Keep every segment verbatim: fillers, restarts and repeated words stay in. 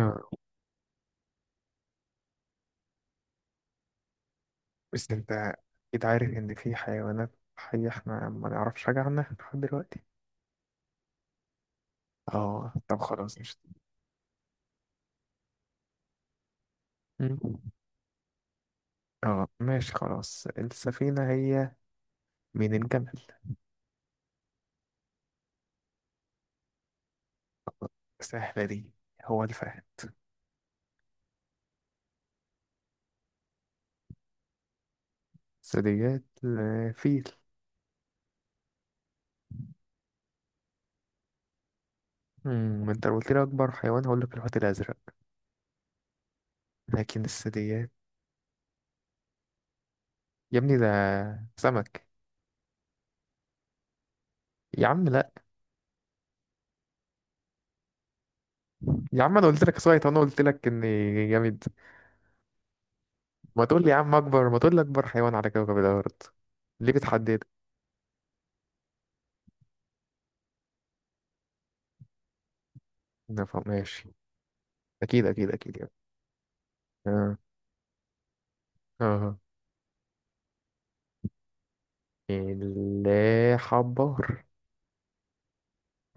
آه، بس انت اكيد عارف ان في حيوانات حية احنا ما نعرفش حاجة عنها لحد دلوقتي. اه طب خلاص مش. مم. اه ماشي خلاص، السفينة هي من الجمل. سهلة دي، هو الفهد. ثدييات، آه، فيل. مم، ما انت لو قلت لي اكبر حيوان هقول لك الحوت الازرق. لكن الثدييات، يا ابني ده سمك. يا عم لا. يا عم انا قلت لك سويت، انا قلت لك اني جامد. ما تقول لي يا عم اكبر، ما تقول لي اكبر حيوان على كوكب الارض. ليه بتحدد؟ نفهم، ماشي. اكيد اكيد اكيد يعني، اه. اه، اللي حبار.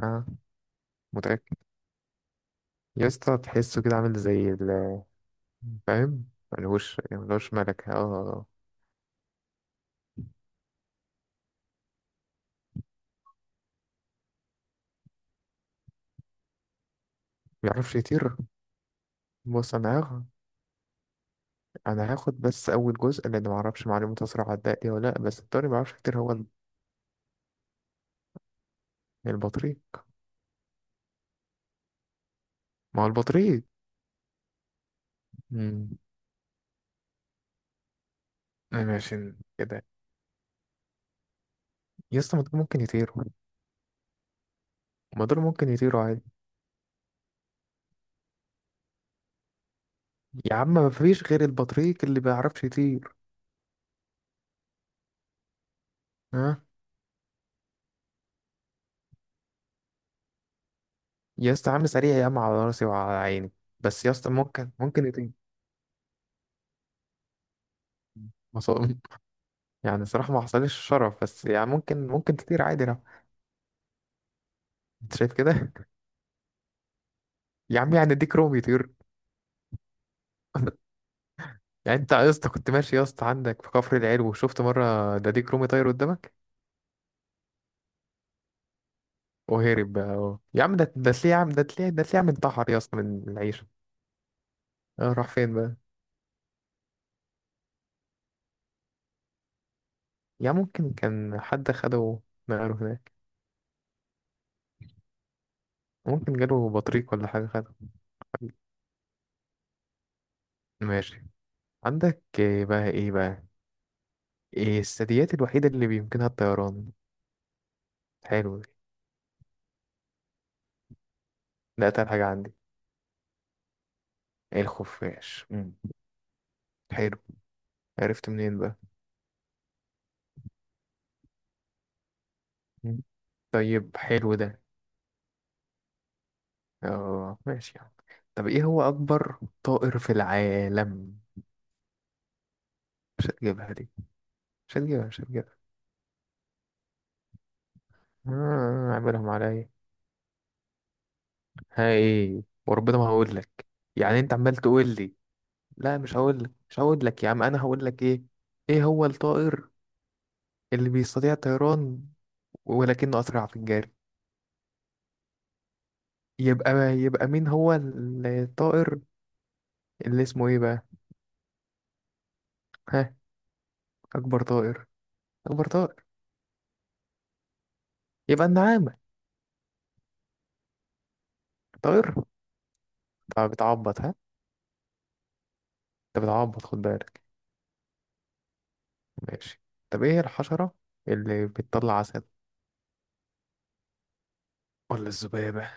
اه. متأكد. يا اسطى تحسه كده عامل زي ال-، فاهم. ملهوش ملهوش ملكة، اه. بيعرفش يطير؟ بص، انا هاخد، انا هاخد بس اول جزء لان ما اعرفش معلومة اسرع عداء دي ولا لا، بس الطير ما يعرفش يطير هو ال-. البطريق. ما هو البطريق. امم. ماشي كده. يا اسطى ما دول ممكن يطيروا، ما دول ممكن يطيروا عادي. يا عم ما فيش غير البطريق اللي بيعرفش يطير. ها. يا اسطى عامل سريع يا عم، على راسي وعلى عيني. بس يا اسطى ممكن ممكن يتم مصاب. يعني صراحة ما حصلش شرف، بس يعني ممكن ممكن تطير عادي لو. انت شايف كده. يا عم يعني ديك رومي يطير؟ يعني انت يا اسطى كنت ماشي يا اسطى عندك في كفر العلو وشفت مرة ده ديك رومي طاير قدامك؟ وهرب بقى اهو. يا عم ده ده تلاقيه، يا عم ده تلاقيه، ده تلاقيه عم انتحر يا اسطى من العيشة. اه، راح فين بقى؟ يا ممكن كان حد خده نقله هناك. ممكن جاله بطريق ولا حاجة خده. ماشي، عندك ايه بقى؟ ايه بقى؟ إيه الثدييات الوحيدة اللي بيمكنها الطيران؟ حلو دي. ده أتقل حاجة عندي. الخفاش. مم. حلو، عرفت منين بقى؟ مم. طيب حلو ده، اه ماشي يعني. طب ايه هو أكبر طائر في العالم؟ مش هتجيبها دي مش هتجيبها مش هتجيبها آه عاملهم عليا. هاي وربنا ما هقول لك. يعني انت عمال تقول لي، لا مش هقول لك، مش هقول لك يا عم، انا هقول لك ايه. ايه هو الطائر اللي بيستطيع الطيران ولكنه أسرع في الجري؟ يبقى، يبقى مين هو الطائر اللي اسمه ايه بقى؟ ها؟ اكبر طائر اكبر طائر يبقى النعامة. طائر. طب بتعبط، ها؟ انت بتعبط، خد بالك. ماشي، طب ايه الحشرة اللي بتطلع عسل ولا الذبابة؟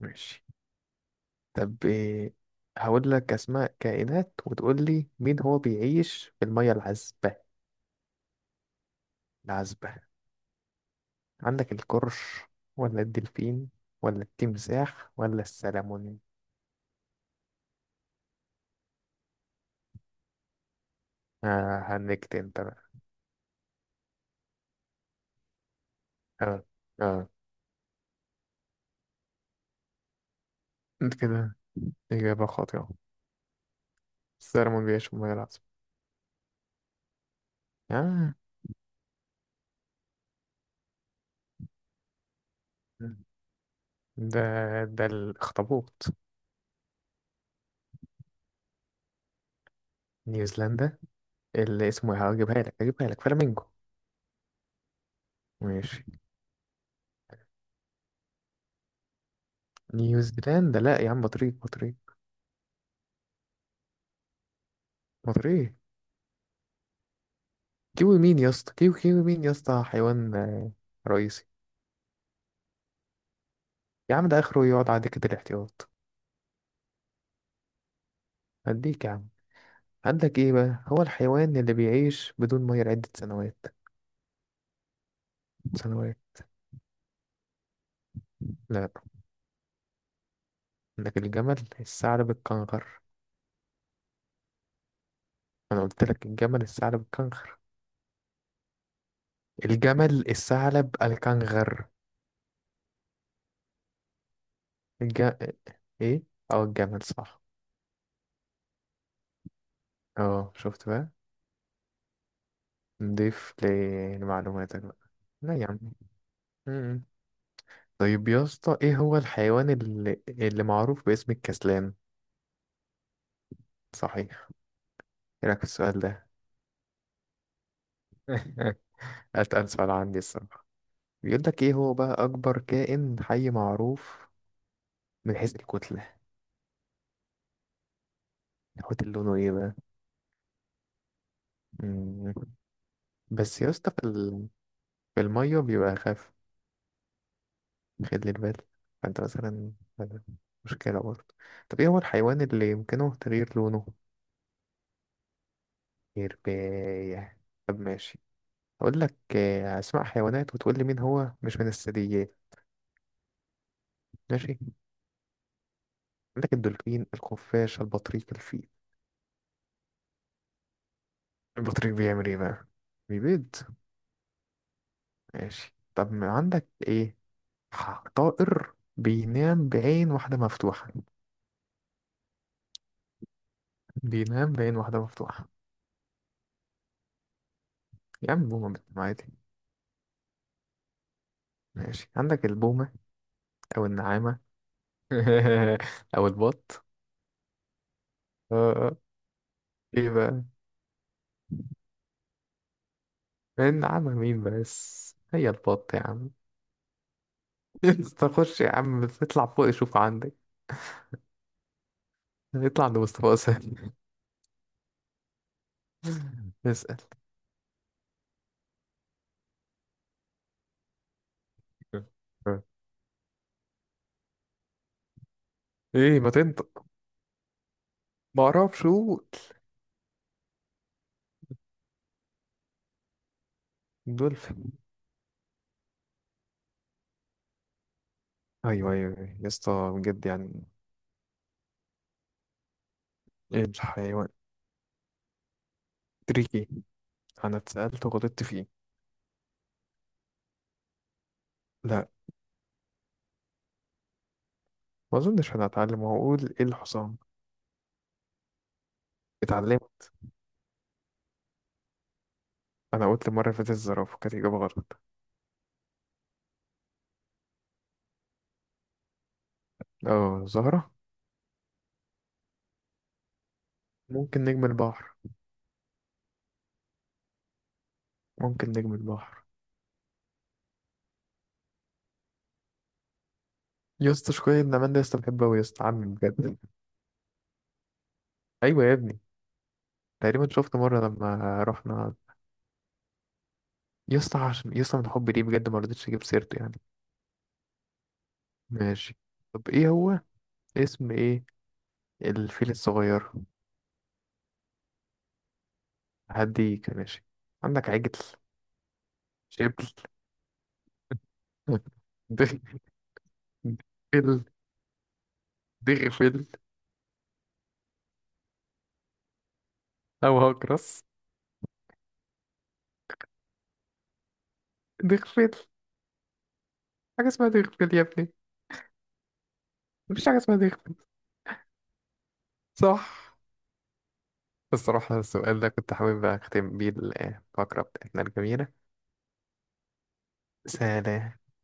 ماشي، طب إيه، هقول لك اسماء كائنات وتقول لي مين هو بيعيش في المية العذبة. العذبة. عندك القرش ولا الدلفين ولا التمساح ولا السلمون؟ آه هنكت انت بقى. آه. آه. انت كده إجابة خاطئة. السلمون بيعيش في المياه العذبة. آه. ده ده الأخطبوط. نيوزيلندا اللي اسمه إيه؟ هجيبها لك هجيبها لك فلامينجو. ماشي. نيوزيلندا لا يا عم، بطريق بطريق بطريق. كيوي مين يا اسطى كيوي كيوي مين يا اسطى حيوان، آه، رئيسي. يا عم ده آخره يقعد على دكة الاحتياط. هديك يا عم. عندك ايه بقى؟ هو الحيوان اللي بيعيش بدون ميه لعدة سنوات. سنوات. لا، عندك الجمل الثعلب الكنغر. انا قلت لك الجمل الثعلب الكنغر. الجمل الثعلب الكنغر. الج-، ايه. او الجمل صح. اه شفت بقى، نضيف ل- لمعلوماتك بقى. لا يا عم. مم. طيب يا اسطى، ايه هو الحيوان اللي, اللي معروف باسم الكسلان؟ صحيح. ايه رايك في السؤال ده؟ اتقل سؤال عندي الصراحه. بيقول لك ايه هو بقى اكبر كائن حي معروف من حيث الكتله؟ الحوت اللي لونه ايه بقى؟ مم. بس يا اسطى في ال- في الميه بيبقى اخف، خد لي البال، فانت مثلا، هذا مشكلة برضه. طب ايه هو الحيوان اللي يمكنه تغيير لونه؟ يرباية. طب ماشي، اقول لك آه، اسماء حيوانات وتقول لي مين هو مش من الثدييات. ماشي، عندك الدولفين الخفاش البطريق الفيل. البطريق بيعمل ايه بقى؟ بيبيض. ماشي، طب ما عندك ايه؟ ح- طائر بينام بعين واحدة مفتوحة. بينام بعين واحدة مفتوحة. يا عم بومة بتنام عادي. ماشي، عندك البومة أو النعامة، او البط. آه. آه. ايه بقى؟ النعمة مين، بس هي البط يا عم. تخش يا عم اطلع فوق شوف عندك، اطلع عند مصطفى سهل. اسأل. ايه؟ ما تنطق. ما اعرفش، قول. دولفين. ايوه ايوه أيوة. يا اسطى بجد يعني. الحيوان. تريكي. انا اتسألت وغلطت فيه. لا، ما اظنش، انا اتعلم واقول ايه، الحصان. اتعلمت. انا قلت المره اللي فاتت الزرافه كانت اجابه غلط. اه زهره. ممكن نجم البحر. ممكن نجم البحر. يا اسطى شوية نعمان ده، يا اسطى بحبه أوي يا اسطى عمي بجد. أيوة يا ابني. تقريبا شفت مرة لما رحنا. يا اسطى عشان يا اسطى من حبي ليه بجد ما رضيتش أجيب سيرته يعني. ماشي، طب إيه هو، اسم إيه الفيل الصغير؟ هديك، ماشي. عندك عجل، شبل، دغ- دغفل. دغفل. أو هكرس. دغفل. حاجة اسمها دغفل يا ابني، مفيش حاجة اسمها دغفل. صح. الصراحة السؤال ده كنت حابب أختم بيه الفقرة بتاعتنا الجميلة. سلام.